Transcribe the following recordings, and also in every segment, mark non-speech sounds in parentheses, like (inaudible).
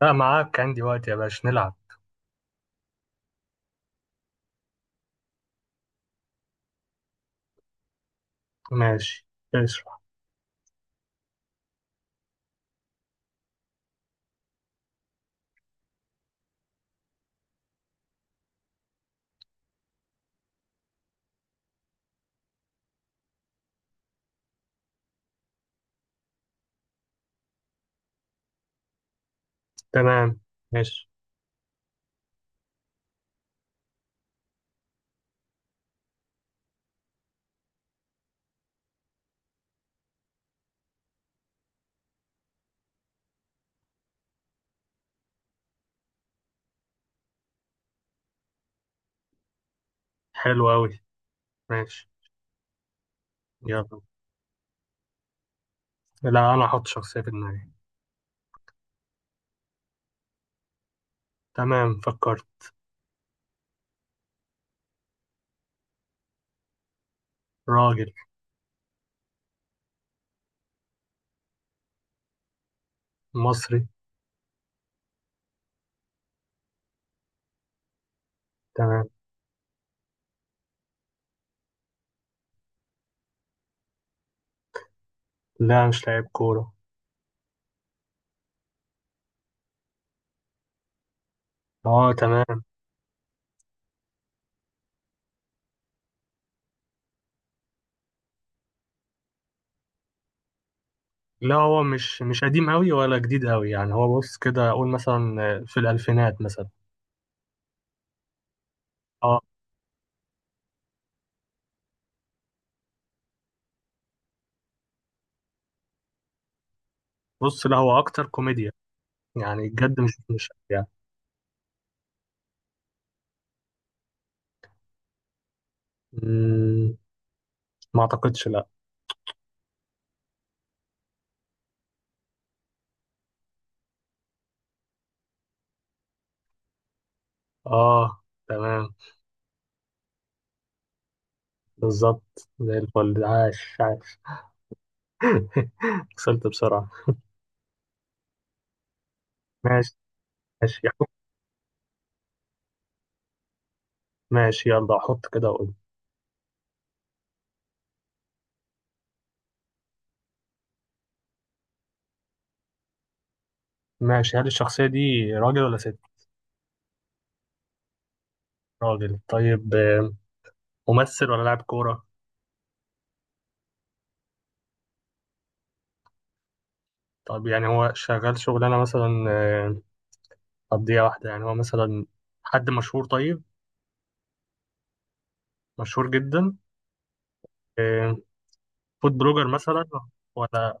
لا، معاك. عندي وقت يا باشا، نلعب. ماشي. ماشي. تمام. ماشي. حلو أوي. ماشي. يلا. لا، أنا أحط شخصية في دماغي. تمام، فكرت. راجل مصري. تمام. لا، مش لاعب كورة. اه، تمام. لا، هو مش قديم أوي ولا جديد أوي، يعني هو بص كده، أقول مثلا في الألفينات مثلا. اه، بص، لا هو أكتر كوميديا، يعني بجد مش يعني. مم، ما أعتقدش، لا. اه، تمام. بالظبط زي الفل، عاش عاش. وصلت بسرعة. ماشي. ماشي. ماشي، يلا أحط كده وأقول. ماشي، هل الشخصية دي راجل ولا ست؟ راجل. طيب، ممثل ولا لاعب كورة؟ طب يعني هو شغال شغلانة مثلا، قضية واحدة، يعني هو مثلا حد مشهور، طيب. مشهور جدا. آه، فود بلوجر مثلا؟ ولا...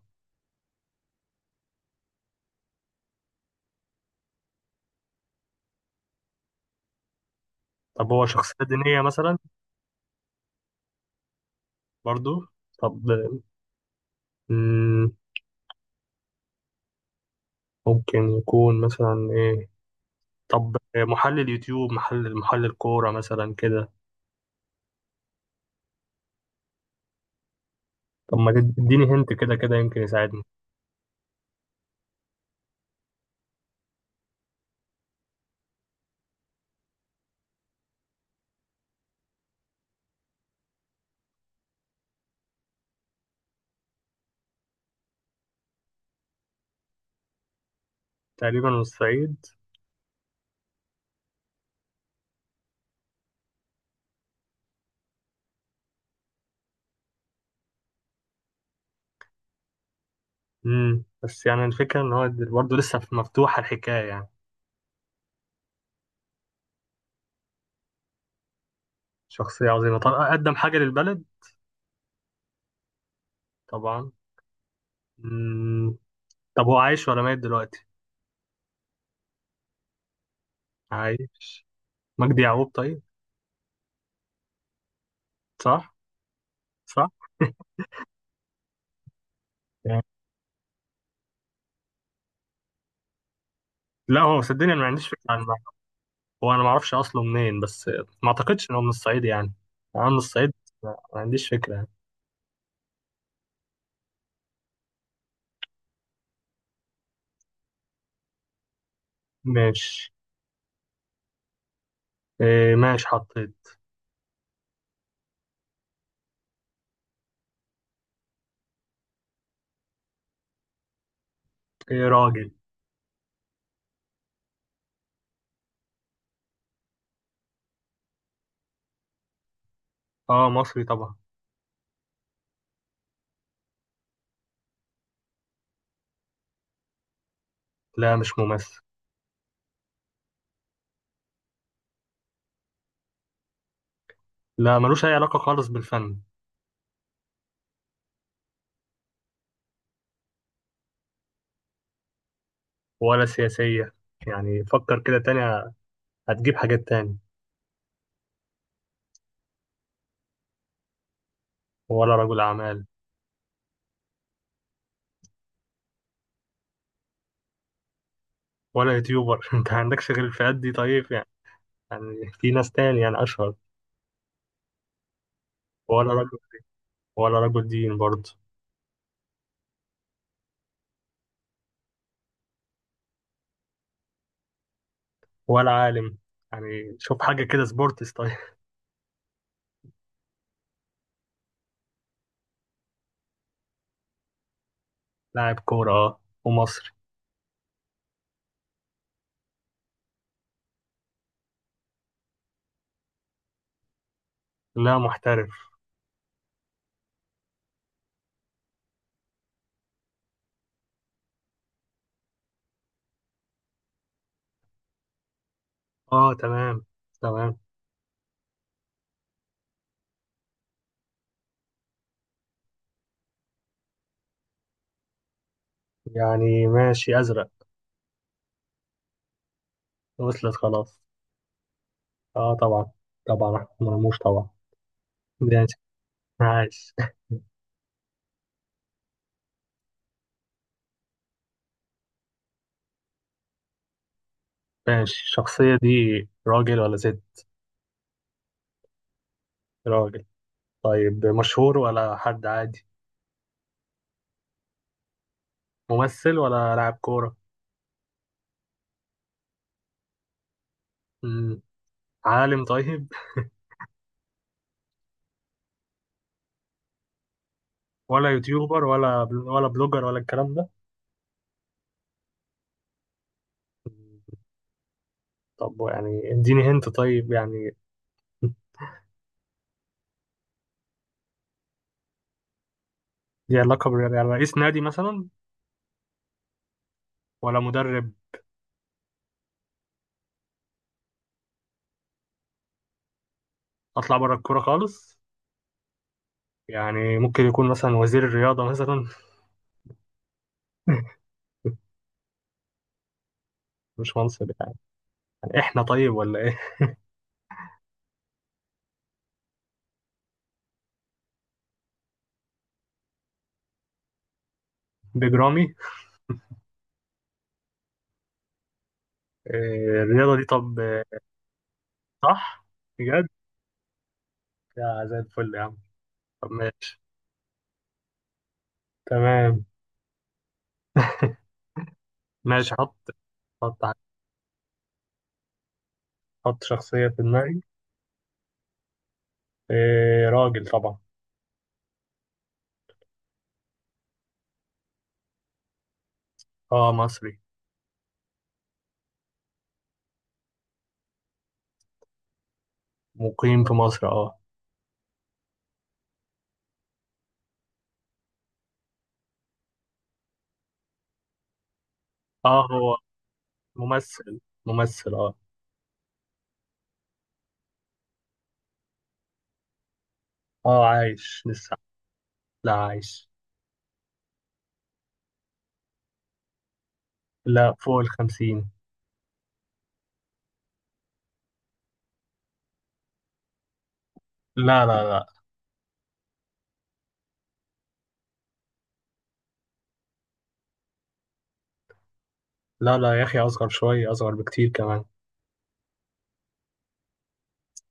طب هو شخصية دينية مثلا؟ برضو. طب مم، ممكن يكون مثلا إيه؟ طب محلل يوتيوب، محلل كورة مثلا كده. طب ما تديني هنت، كده كده يمكن يساعدني. تقريبا من الصعيد. بس يعني الفكرة ان هو برضه لسه مفتوحة الحكاية يعني. شخصية عظيمة، طب قدم حاجة للبلد؟ طبعا. امم طب هو عايش ولا ميت دلوقتي؟ عايش. مجدي يعقوب. طيب. صح. صح، يعني. (laughs) لا، هو صدقني، انا ما عنديش فكرة عن المعنى. هو انا ما اعرفش اصله منين، بس ما اعتقدش ان هو من الصعيد يعني. انا من الصعيد. ما عنديش فكرة يعني. ماشي. إيه، ماشي، حطيت. إيه، راجل. اه، مصري طبعا. لا، مش ممثل. لا، ملوش أي علاقة خالص بالفن. ولا سياسية. يعني فكر كده تاني، هتجيب حاجات تاني. ولا رجل أعمال. ولا يوتيوبر. (laughs) أنت عندكش غير الفئات دي طيب يعني في ناس تاني يعني أشهر. ولا رجل ولا رجل دين برضه. ولا عالم. يعني شوف حاجة كده، سبورتس طيب. (laughs) لاعب كورة، أه، ومصري. لا، محترف. أه، تمام. تمام. يعني ماشي، أزرق. وصلت خلاص. أه، طبعا. طبعا، أحمد مرموش طبعا. ده عايش. (laughs) ماشي، الشخصية دي راجل ولا ست؟ راجل. طيب، مشهور ولا حد عادي؟ ممثل ولا لاعب كورة؟ مم. عالم؟ طيب. ولا يوتيوبر ولا ولا بلوجر ولا الكلام ده؟ مم. طب يعني اديني هنت طيب يعني. دي علاقة بال، يعني رئيس نادي مثلا؟ ولا مدرب؟ أطلع بره الكورة خالص؟ يعني ممكن يكون مثلا وزير الرياضة مثلا. (laughs) مش منصب يعني؟ يعني احنا طيب ولا ايه؟ بجرامي. إيه الرياضة دي طب؟ صح؟ بجد؟ يا زي الفل يا عم. طب ماشي. تمام. ماشي. حط. حط ع- حط شخصية في دماغي. إيه، راجل طبعا. اه، مصري. مقيم في مصر، اه. اه، هو ممثل. ممثل، اه. اه، عايش لسه. لا، عايش. لا، فوق الخمسين. لا لا لا. لا لا يا أخي، أصغر شوية، أصغر بكتير كمان.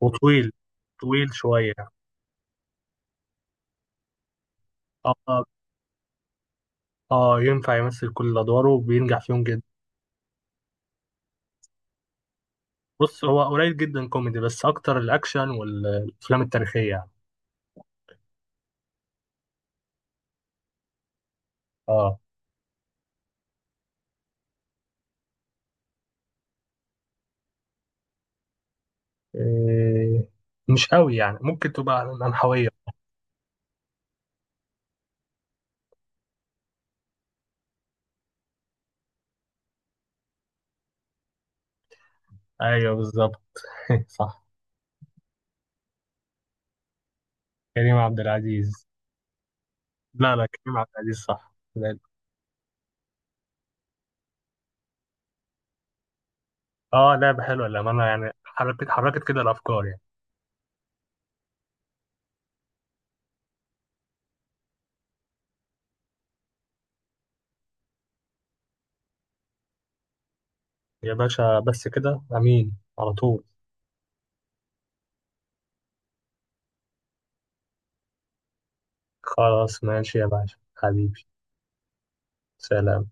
وطويل. طويل شوية. اه. اه. ينفع يمثل كل أدواره وبينجح فيهم جدا. بص، هو قليل جدا كوميدي، بس أكتر الأكشن والأفلام التاريخية يعني. اه. إيه، مش قوي يعني، ممكن تبقى منحوية. ايوه بالظبط. (laughs) صح. كريم عبد العزيز. لا لا، كريم عبد العزيز صح. اه، لعبة حلوة للأمانة، يعني حركت حركت كده الأفكار يعني. يا باشا، بس كده أمين على طول. خلاص، ماشي يا باشا حبيبي. سلام.